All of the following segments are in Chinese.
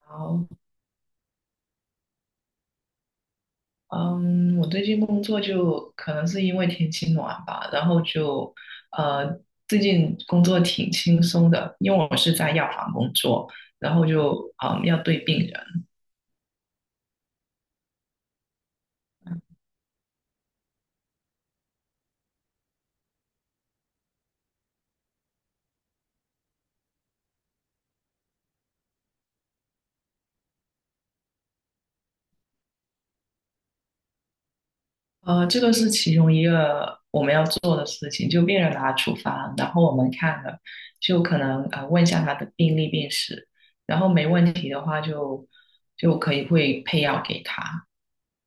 好，嗯，我最近工作就可能是因为天气暖吧，然后呃，最近工作挺轻松的，因为我是在药房工作，然后就要对病人。这个是其中一个我们要做的事情，就病人拿处方，然后我们看了，就可能问一下他的病历病史，然后没问题的话就可以会配药给他，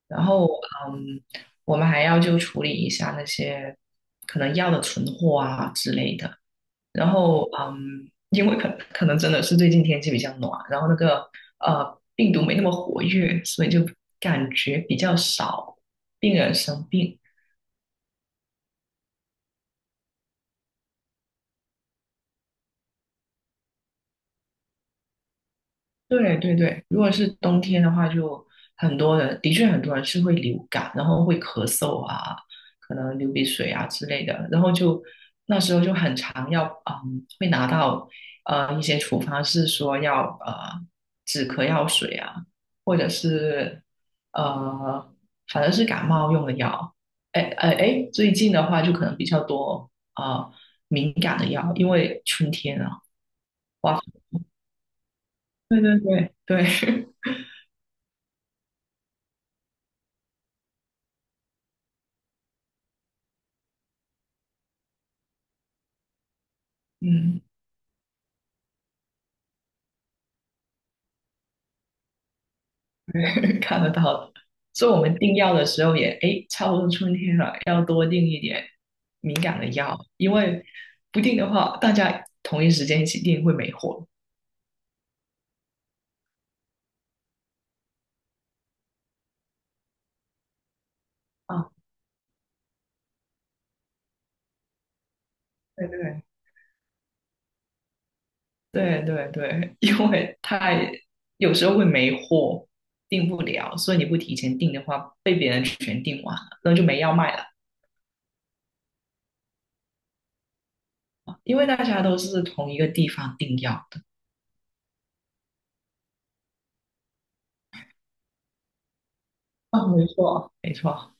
然后嗯，我们还要就处理一下那些可能药的存货啊之类的。然后嗯，因为可能真的是最近天气比较暖，然后那个病毒没那么活跃，所以就感觉比较少病人生病。对对对，如果是冬天的话，就很多人，的确很多人是会流感，然后会咳嗽啊，可能流鼻水啊之类的，然后就那时候就很常要，嗯，会拿到一些处方是说要止咳药水啊，或者是呃反正是感冒用的药。哎哎哎，最近的话就可能比较多啊、敏感的药，因为春天啊。对对对对，嗯。看得到的。所以我们订药的时候也，哎，差不多春天了，要多订一点敏感的药，因为不定的话，大家同一时间一起订会没货。啊，对对对对对，因为太有时候会没货，订不了，所以你不提前订的话，被别人全订完了，那就没药卖了。因为大家都是同一个地方订药的。啊，没错。没错，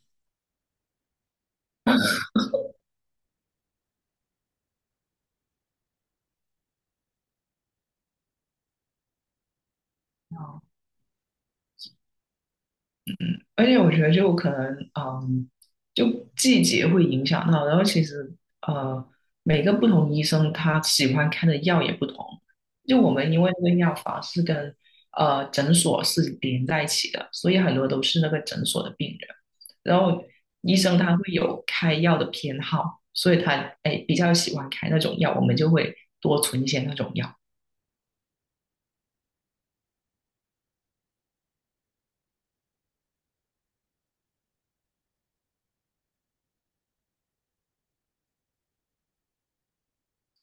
哦。而且我觉得就可能，嗯，就季节会影响到，然后其实呃，每个不同医生他喜欢开的药也不同。就我们因为那个药房是跟诊所是连在一起的，所以很多都是那个诊所的病人。然后医生他会有开药的偏好，所以他哎比较喜欢开那种药，我们就会多存一些那种药。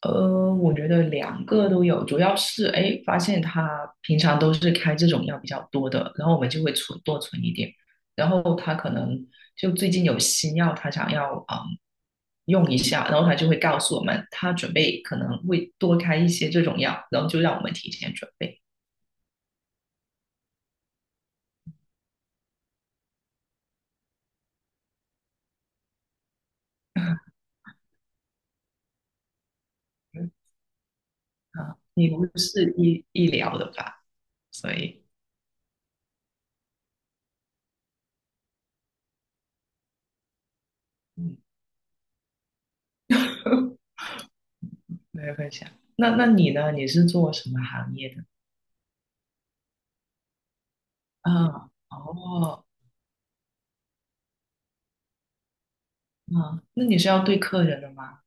呃，我觉得两个都有，主要是哎，发现他平常都是开这种药比较多的，然后我们就会多存一点，然后他可能就最近有新药，他想要用一下，然后他就会告诉我们，他准备可能会多开一些这种药，然后就让我们提前准备。嗯啊，你不是医疗的吧？所以嗯，没有分享。那那你呢？你是做什么行业的？啊，哦。啊，那你是要对客人的吗？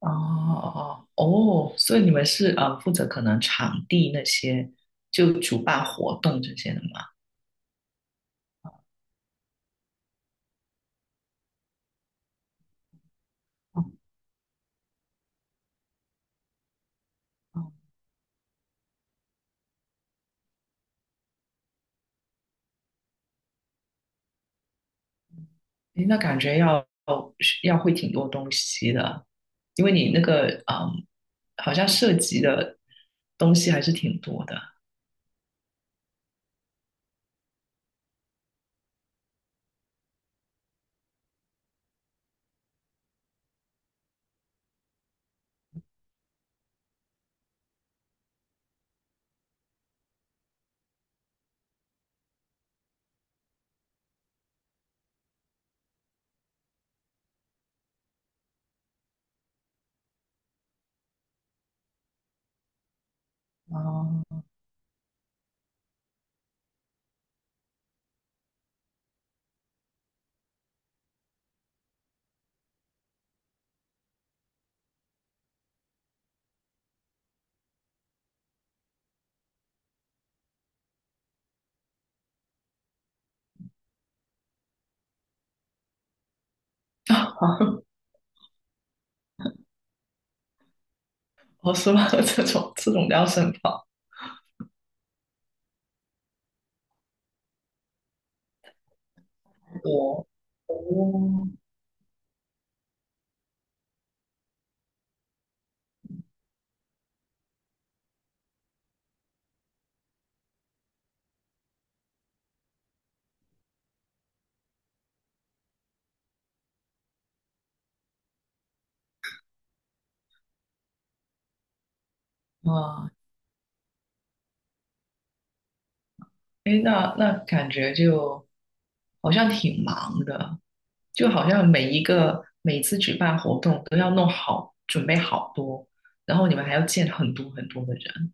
哦哦哦，所以你们是负责可能场地那些，就主办活动这些的吗？哦哦，诶那感觉要会挺多东西的，因为你那个嗯，好像涉及的东西还是挺多的。哦，我说这种这种比较深我哦，啊。哎，那那感觉就好像挺忙的，就好像每一个每次举办活动都要弄好，准备好多，然后你们还要见很多很多的人。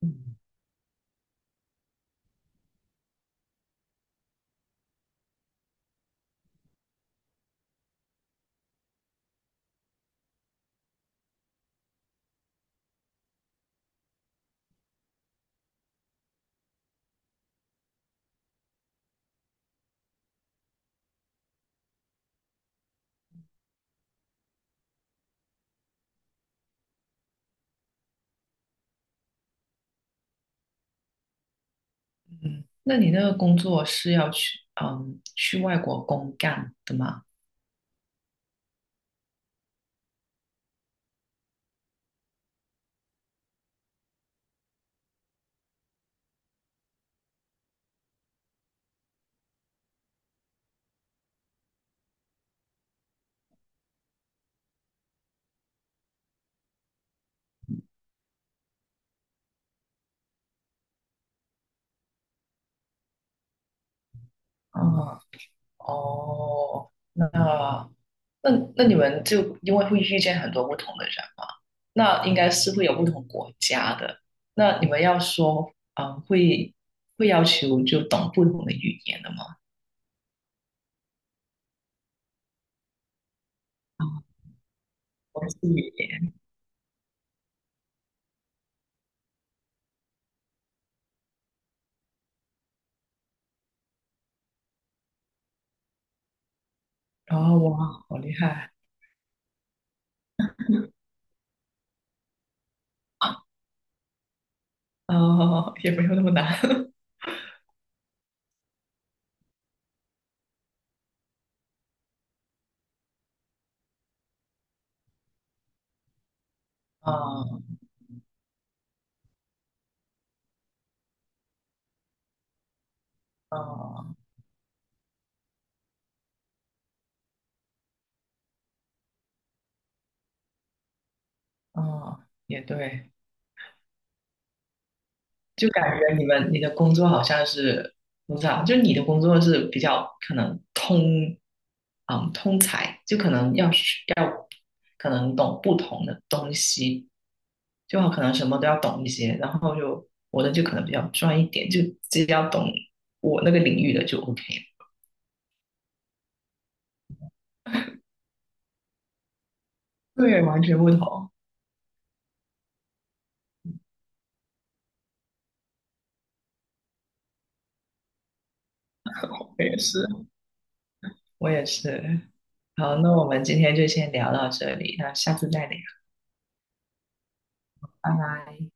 嗯，嗯，那你那个工作是要去去外国公干的吗？嗯啊，哦，那那那你们就因为会遇见很多不同的人嘛，那应该是会有不同国家的。那你们要说，嗯，会要求就懂不同的语言的吗？啊、我是语言，哦，哇，好厉害啊！哦，也没有那么难。啊啊啊，也对。就感觉你们你的工作好像是我不知道，就你的工作是比较可能通，嗯，通才，就可能要学要可能懂不同的东西，就好，可能什么都要懂一些，然后就我的就可能比较专一点，就只要懂我那个领域的就 OK。对，完全不同，我也是，我也是。好，那我们今天就先聊到这里，那下次再聊，拜拜。